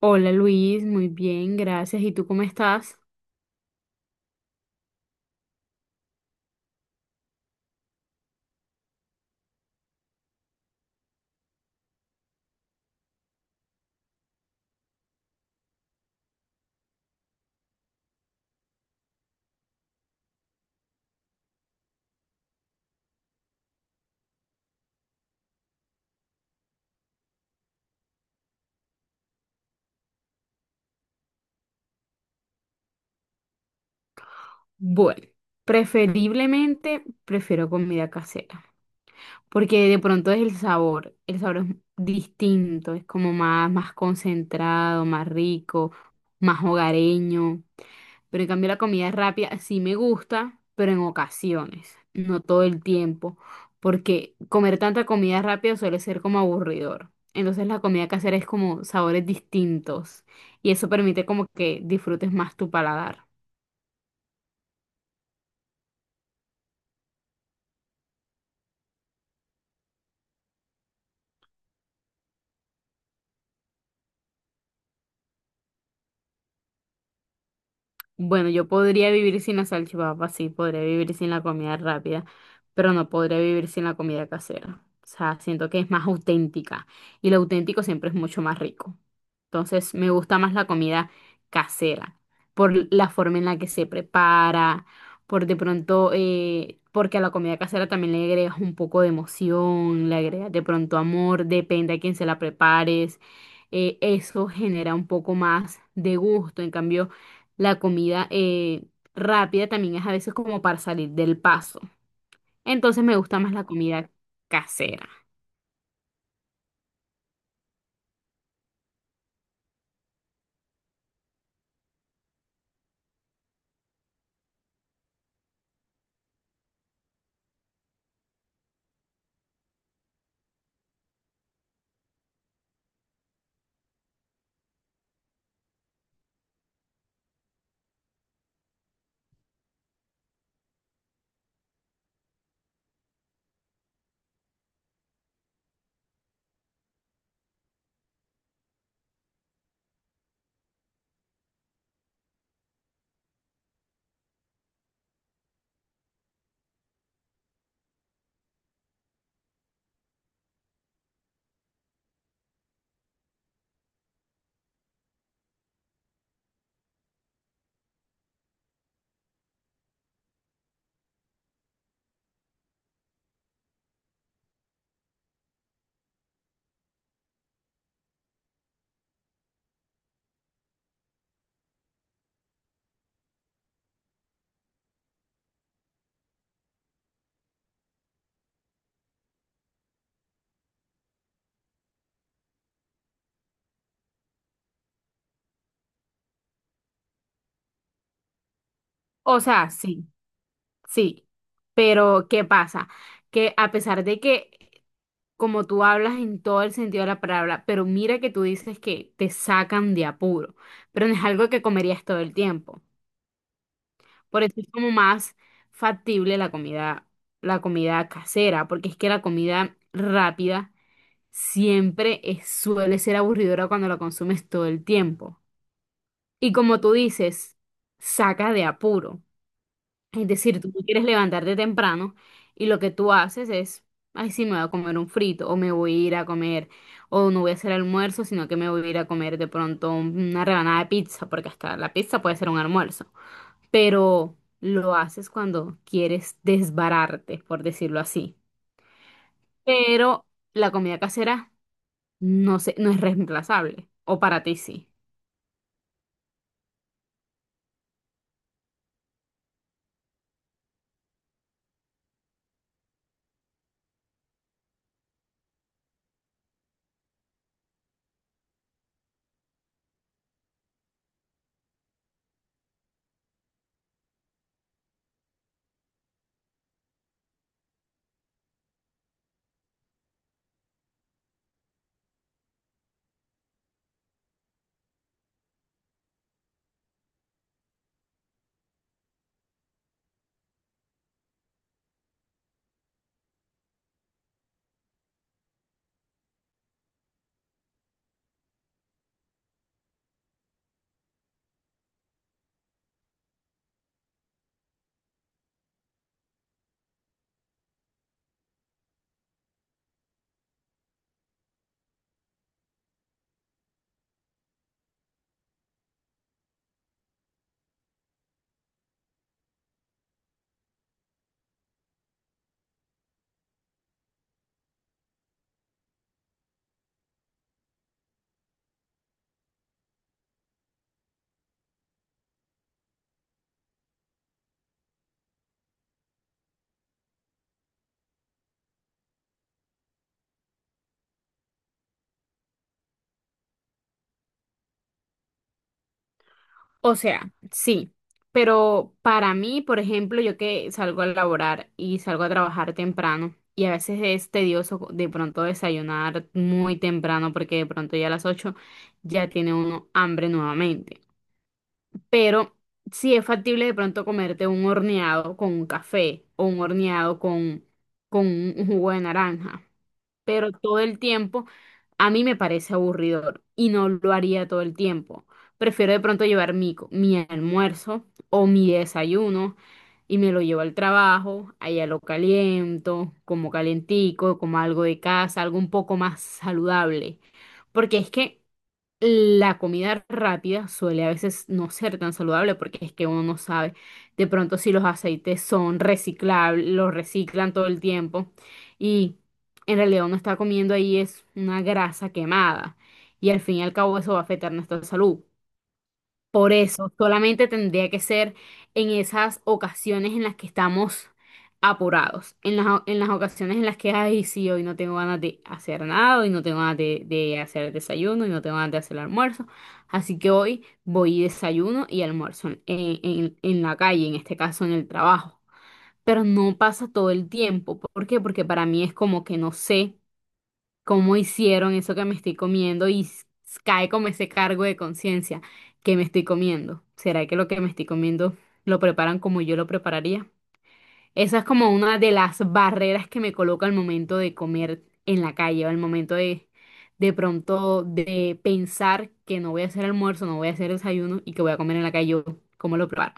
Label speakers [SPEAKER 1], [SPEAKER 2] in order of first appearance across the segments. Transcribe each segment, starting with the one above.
[SPEAKER 1] Hola Luis, muy bien, gracias. ¿Y tú cómo estás? Bueno, preferiblemente prefiero comida casera, porque de pronto es el sabor es distinto, es como más concentrado, más rico, más hogareño. Pero en cambio la comida rápida sí me gusta, pero en ocasiones, no todo el tiempo, porque comer tanta comida rápida suele ser como aburridor. Entonces la comida casera es como sabores distintos y eso permite como que disfrutes más tu paladar. Bueno, yo podría vivir sin la salchipapa, sí, podría vivir sin la comida rápida, pero no podría vivir sin la comida casera. O sea, siento que es más auténtica y lo auténtico siempre es mucho más rico. Entonces, me gusta más la comida casera por la forma en la que se prepara, por de pronto, porque a la comida casera también le agregas un poco de emoción, le agregas de pronto amor, depende a quién se la prepares. Eso genera un poco más de gusto, en cambio. La comida rápida también es a veces como para salir del paso. Entonces me gusta más la comida casera. O sea, sí, sí. Pero ¿qué pasa? Que a pesar de que como tú hablas en todo el sentido de la palabra, pero mira que tú dices que te sacan de apuro, pero no es algo que comerías todo el tiempo. Por eso es como más factible la comida casera, porque es que la comida rápida suele ser aburridora cuando la consumes todo el tiempo. Y como tú dices, saca de apuro. Es decir, tú no quieres levantarte temprano y lo que tú haces es, ay, sí, me voy a comer un frito o me voy a ir a comer o no voy a hacer almuerzo, sino que me voy a ir a comer de pronto una rebanada de pizza, porque hasta la pizza puede ser un almuerzo. Pero lo haces cuando quieres desbararte, por decirlo así. Pero la comida casera no sé, no es reemplazable. O para ti sí. O sea, sí. Pero para mí, por ejemplo, yo que salgo a laborar y salgo a trabajar temprano y a veces es tedioso de pronto desayunar muy temprano porque de pronto ya a las 8 ya tiene uno hambre nuevamente. Pero sí es factible de pronto comerte un horneado con un café o un horneado con un jugo de naranja. Pero todo el tiempo a mí me parece aburridor y no lo haría todo el tiempo. Prefiero de pronto llevar mi almuerzo o mi desayuno y me lo llevo al trabajo, allá lo caliento, como calentico, como algo de casa, algo un poco más saludable. Porque es que la comida rápida suele a veces no ser tan saludable porque es que uno no sabe de pronto si los aceites son reciclables, los reciclan todo el tiempo y en realidad uno está comiendo ahí es una grasa quemada y al fin y al cabo eso va a afectar nuestra salud. Por eso, solamente tendría que ser en esas ocasiones en las que estamos apurados, en las ocasiones en las que, ay, sí, hoy no tengo ganas de hacer nada, hoy no tengo ganas de hacer el desayuno, hoy no tengo ganas de hacer el almuerzo, así que hoy voy y desayuno y almuerzo en la calle, en este caso en el trabajo, pero no pasa todo el tiempo, ¿por qué? Porque para mí es como que no sé cómo hicieron eso que me estoy comiendo cae como ese cargo de conciencia que me estoy comiendo. ¿Será que lo que me estoy comiendo lo preparan como yo lo prepararía? Esa es como una de las barreras que me coloca al momento de comer en la calle o al momento de pronto de pensar que no voy a hacer almuerzo, no voy a hacer desayuno y que voy a comer en la calle, yo, ¿cómo lo preparo?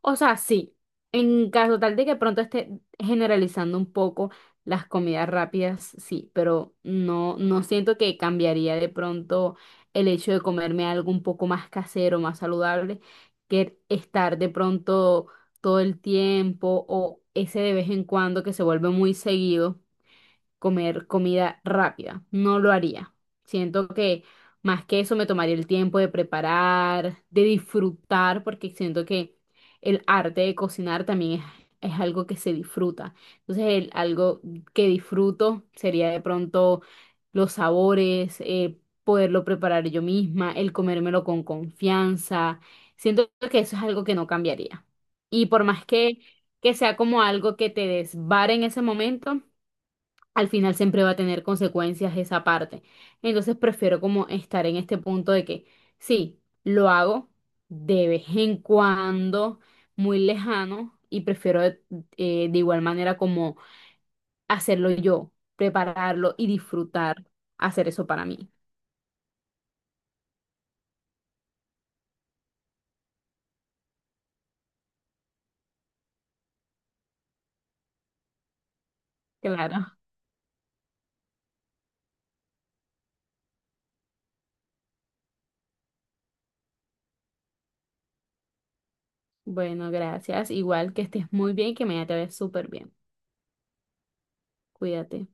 [SPEAKER 1] O sea, sí, en caso tal de que pronto esté generalizando un poco las comidas rápidas, sí, pero no, no siento que cambiaría de pronto el hecho de comerme algo un poco más casero, más saludable, que estar de pronto todo el tiempo o ese de vez en cuando que se vuelve muy seguido comer comida rápida. No lo haría. Siento que más que eso me tomaría el tiempo de preparar, de disfrutar, porque siento que el arte de cocinar también es algo que se disfruta. Entonces, algo que disfruto sería de pronto los sabores, poderlo preparar yo misma, el comérmelo con confianza. Siento que eso es algo que no cambiaría. Y por más que sea como algo que te desvare en ese momento, al final siempre va a tener consecuencias esa parte. Entonces prefiero como estar en este punto de que sí, lo hago de vez en cuando, muy lejano, y prefiero de igual manera como hacerlo yo, prepararlo y disfrutar hacer eso para mí. Claro. Bueno, gracias. Igual que estés muy bien y que mañana te vayas súper bien. Cuídate.